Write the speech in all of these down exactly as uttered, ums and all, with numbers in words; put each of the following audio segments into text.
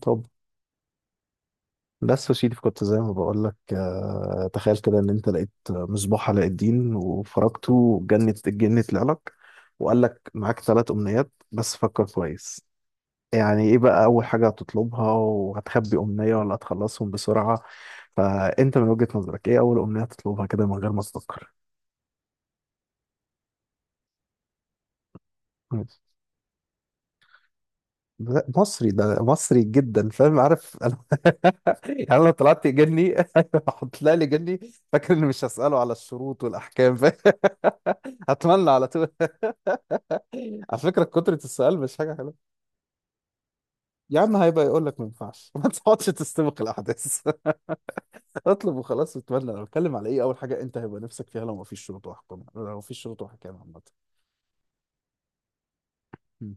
طب، بس يا سيدي كنت زي ما بقول لك، آه، تخيل كده ان انت لقيت مصباح علاء الدين وفرجته وجنت الجن طلع لك وقال لك معاك ثلاث امنيات، بس فكر كويس. يعني ايه بقى اول حاجه هتطلبها وهتخبي امنيه، ولا هتخلصهم بسرعه؟ فانت من وجهه نظرك ايه اول امنيه هتطلبها كده من غير ما تفكر؟ لا، مصري ده مصري جدا، فاهم، عارف انا. يعني انا لو طلعت جني هحط لي جني، فاكر اني مش هساله على الشروط والاحكام، فاهم. هتملى على طول. على فكرة كترة السؤال مش حاجة حلوة. يا عم هيبقى يقول لك ما ينفعش. ما تقعدش تستبق الأحداث. اطلب وخلاص. وتملى أنا بتكلم على إيه، أول حاجة أنت هيبقى نفسك فيها لو ما فيش شروط وأحكام، لو ما فيش شروط وأحكام عامة. مم.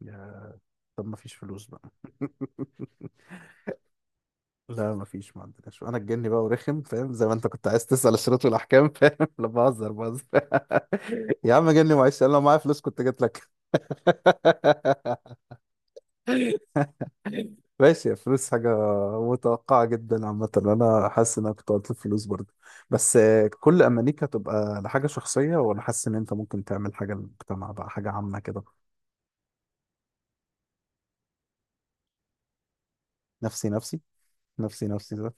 يا طب ما فيش فلوس بقى. لا ما فيش، ما عندناش. أنا الجني بقى ورخم، فاهم، زي ما أنت كنت عايز تسأل الشروط والأحكام، فاهم. لا بهزر بهزر. يا عم جني، معلش، أنا لو معايا فلوس كنت جيت لك. ماشي، الفلوس حاجة متوقعة جدا. عامة أنا حاسس إن أنا كنت قلت الفلوس برضه، بس آه، كل أمانيك هتبقى لحاجة شخصية، وأنا حاسس إن أنت ممكن تعمل حاجة للمجتمع بقى، حاجة عامة كده. نفسي نفسي، نفسي نفسي ده.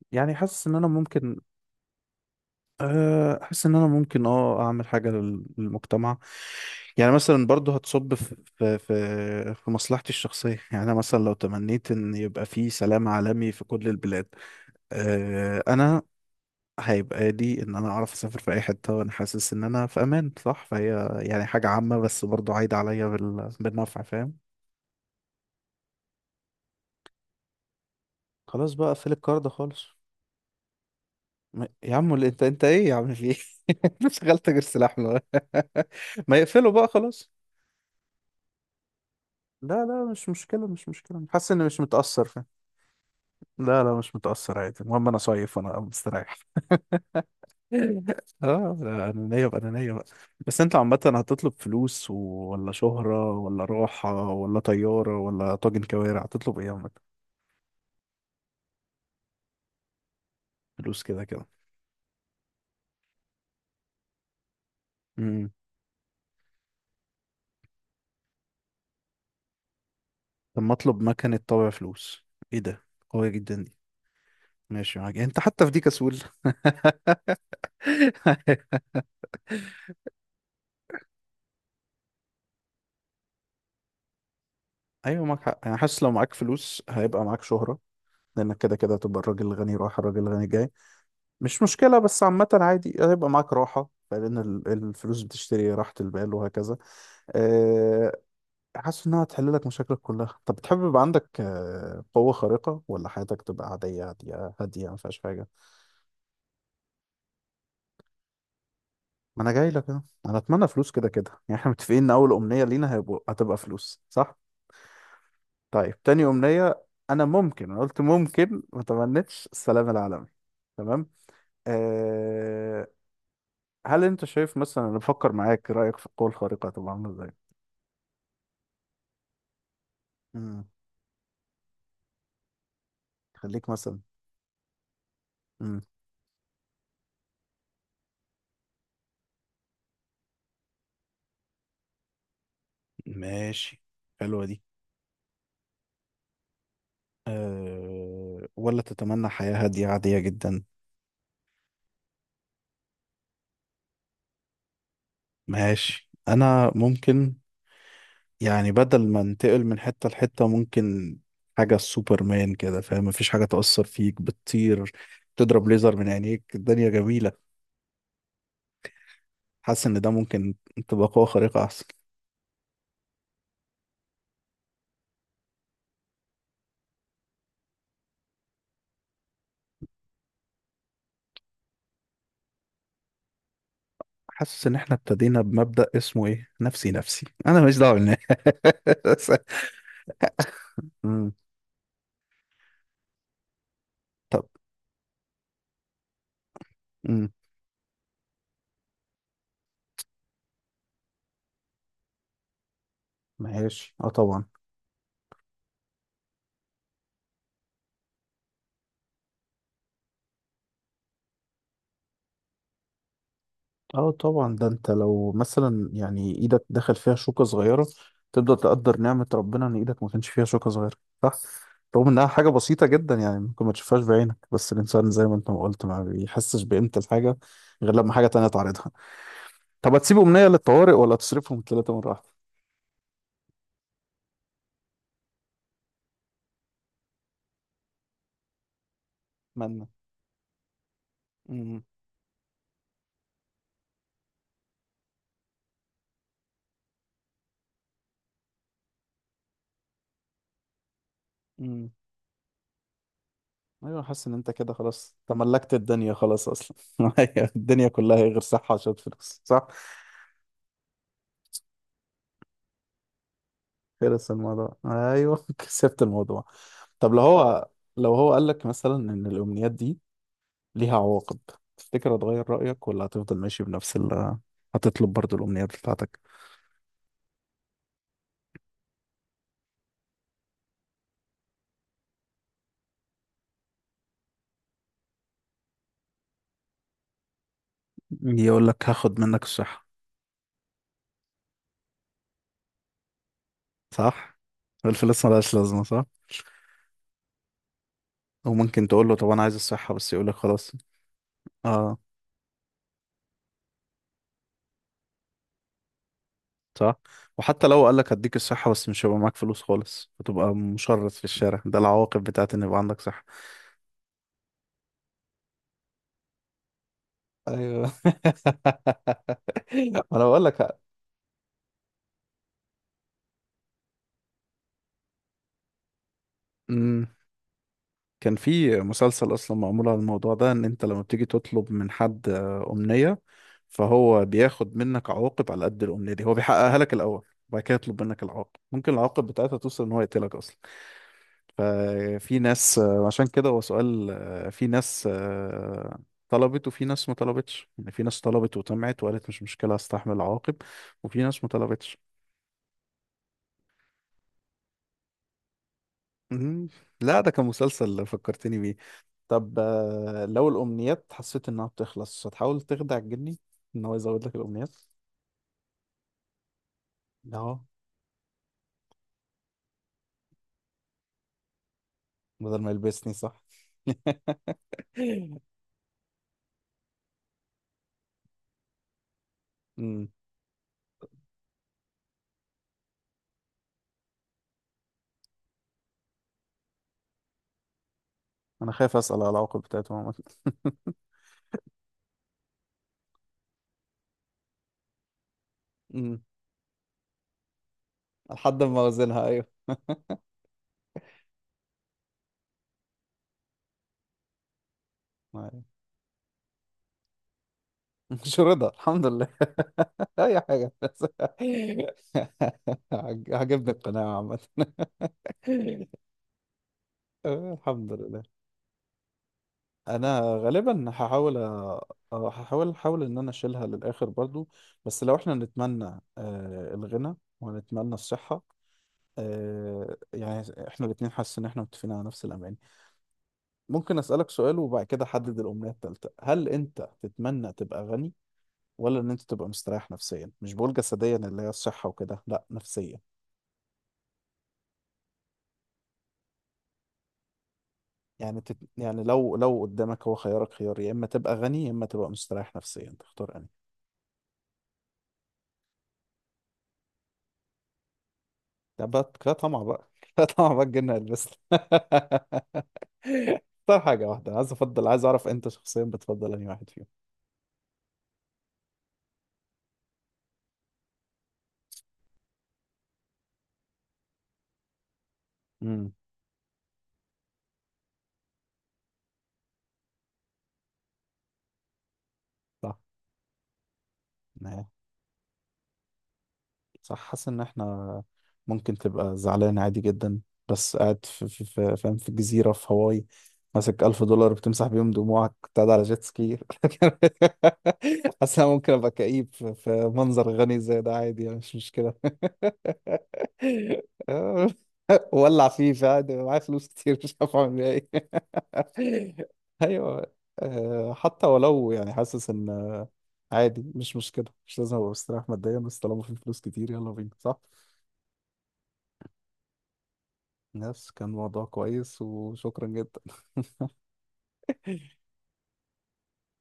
يعني حاسس إن أنا ممكن، آه، حاسس إن أنا ممكن أه أعمل حاجة لل- للمجتمع. يعني مثلا برضه هتصب في في في في مصلحتي الشخصية. يعني أنا مثلا لو تمنيت إن يبقى في سلام عالمي في كل البلاد، آه، انا هيبقى لي ان انا اعرف اسافر في اي حته وانا حاسس ان انا في امان. صح، فهي يعني حاجه عامه بس برضو عايده عليا بال... بالنفع، فاهم. خلاص بقى، اقفل الكارد خالص. م- يا عم اللي انت انت ايه يا عم، في ايه؟ مش شغلت غير سلاح له. ما يقفله بقى خلاص. لا لا، مش مشكله، مش مشكله، حاسس اني مش متاثر، فاهم. لا لا، مش متاثر، عادي. المهم انا صايف وانا مستريح. اه لا، انانيه بقى، انانيه بقى. بس انت عامه هتطلب فلوس و... ولا شهره ولا راحه ولا طياره ولا طاجن كوارع؟ هتطلب ايه عامه؟ فلوس كده كده. امم طب ما اطلب مكنه طابع فلوس؟ ايه ده؟ قويه جدا دي. ماشي، معاك، انت حتى في دي كسول. ايوه معاك حق، انا حاسس لو معاك فلوس هيبقى معاك شهره، لانك كده كده هتبقى الراجل الغني رايح، الراجل الغني جاي. مش مشكلة، بس عامة عادي هيبقى معاك راحة، لأن ال- الفلوس بتشتري راحة البال وهكذا. أه، حاسس إنها هتحل لك مشاكلك كلها. طب بتحب يبقى عندك آه، قوة خارقة، ولا حياتك تبقى عادية هادية هادية، ما فيهاش حاجة؟ ما أنا جاي لك أهو، أنا أتمنى فلوس كده كده. يعني إحنا متفقين إن أول أمنية لينا هيبقوا هتبقى فلوس، صح؟ طيب، تاني أمنية. أنا ممكن أنا قلت ممكن ما تمنيتش السلام العالمي. تمام. أه، هل أنت شايف مثلا، أنا بفكر معاك، رأيك في القوة الخارقة هتبقى عاملة إزاي؟ مم. خليك مثلا. مم. ماشي. حلوة دي. أه... ولا تتمنى حياة هادية عادية جدا؟ ماشي، أنا ممكن، يعني بدل ما انتقل من حتة لحتة، ممكن حاجة سوبرمان كده، فاهم، مفيش حاجة تأثر فيك، بتطير، تضرب ليزر من عينيك، الدنيا جميلة. حاسس إن ده ممكن، تبقى قوة خارقة أحسن. حاسس إن إحنا ابتدينا بمبدأ اسمه إيه، نفسي نفسي، أنا ماليش دعوة بالناس. مم. طب. مم. ماشي، اه طبعا. اه طبعا، ده انت لو مثلا يعني ايدك دخل فيها شوكة صغيرة، تبدأ تقدر نعمة ربنا ان ايدك ما كانش فيها شوكة صغيرة. صح؟ رغم انها حاجة بسيطة جدا، يعني ممكن ما تشوفهاش بعينك، بس الانسان زي ما انت ما قلت، ما بيحسش بقيمة الحاجة غير لما حاجة تانية تعرضها. طب هتسيب امنية للطوارئ، ولا تصرفهم ثلاثة مرة واحدة؟ اتمنى. امم امم ايوه، حاسس ان انت كده خلاص تملكت الدنيا، خلاص اصلا. أيوة، الدنيا كلها هي غير صحة عشان فلوس، صح؟ خلص الموضوع، ايوه. كسبت الموضوع. طب لو هو لو هو قال لك مثلا ان الامنيات دي ليها عواقب، تفتكر هتغير رايك ولا هتفضل ماشي بنفس ال هتطلب برضو الامنيات بتاعتك؟ يقول لك هاخد منك الصحه. صح. الفلوس ملهاش لازمه، صح. وممكن تقول له طب انا عايز الصحه بس، يقول لك خلاص. اه، صح. وحتى لو قال لك هديك الصحه بس مش هيبقى معاك فلوس خالص، هتبقى مشرد في الشارع، ده العواقب بتاعت ان يبقى عندك صحه. ايوه. انا بقول لك. امم كان في مسلسل اصلا معمول على الموضوع ده، ان انت لما بتيجي تطلب من حد آه، امنية، فهو بياخد منك عواقب على قد الامنية دي. هو بيحققها لك الاول وبعد كده يطلب منك العواقب، ممكن العواقب بتاعتها توصل ان هو يقتلك اصلا. ففي ناس، آه، عشان كده هو سؤال، آه، في ناس آه، طلبت وفي ناس ما طلبتش. يعني في ناس طلبت وطمعت وقالت مش مشكلة هستحمل العواقب، وفي ناس ما طلبتش. مهم. لا ده كان مسلسل فكرتني. طب آه، لو الأمنيات حسيت إنها بتخلص، هتحاول تخدع الجني إن هو يزود لك الأمنيات؟ أهو، بدل ما يلبسني، صح. أمم، أنا خايف أسأل على العواقب بتاعته عامة. أمم، لحد ما أوزنها، أيوه. أيوه. مش رضا الحمد لله. أي حاجة بس. عجبني القناعة عامة. الحمد لله. انا غالبا هحاول أ- هحاول احاول ان انا اشيلها للاخر برضو. بس لو احنا نتمنى آه، الغنى، ونتمنى الصحة، آه، يعني احنا الاتنين، حاسس ان احنا متفقين على نفس الاماني. ممكن اسألك سؤال وبعد كده احدد الامنية التالتة: هل انت تتمنى تبقى غني، ولا ان انت تبقى مستريح نفسيا؟ مش بقول جسديا اللي هي الصحة وكده، لا، نفسيا. يعني تت... يعني لو لو قدامك هو خيارك، خيار يا اما تبقى غني يا اما تبقى مستريح نفسيا، تختار. ده بقى كده طمع بقى. كده طمع بقى، الجن هيلبسنا. اختار حاجة واحدة. عايز افضل، عايز اعرف انت شخصيا بتفضل انهي واحد فيهم؟ امم. صح. صح، حاسس ان احنا، ممكن تبقى زعلان عادي جدا، بس قاعد في في في فاهم، في جزيرة في هاواي، ماسك ألف دولار بتمسح بيهم دموعك، بتقعد على جيت سكي. حاسس انا ممكن ابقى كئيب في في منظر غني زي ده، عادي يعني، مش مشكلة. ولع فيه، فعلا معايا فلوس كتير مش عارف اعمل بيها ايه. ايوه. آه، حتى ولو يعني، حاسس ان عادي، مش مشكلة، مش لازم أبقى مستريح ماديا، بس طالما في فلوس كتير، يلا بينا، صح؟ نفس كان موضوع كويس، وشكرا جدا.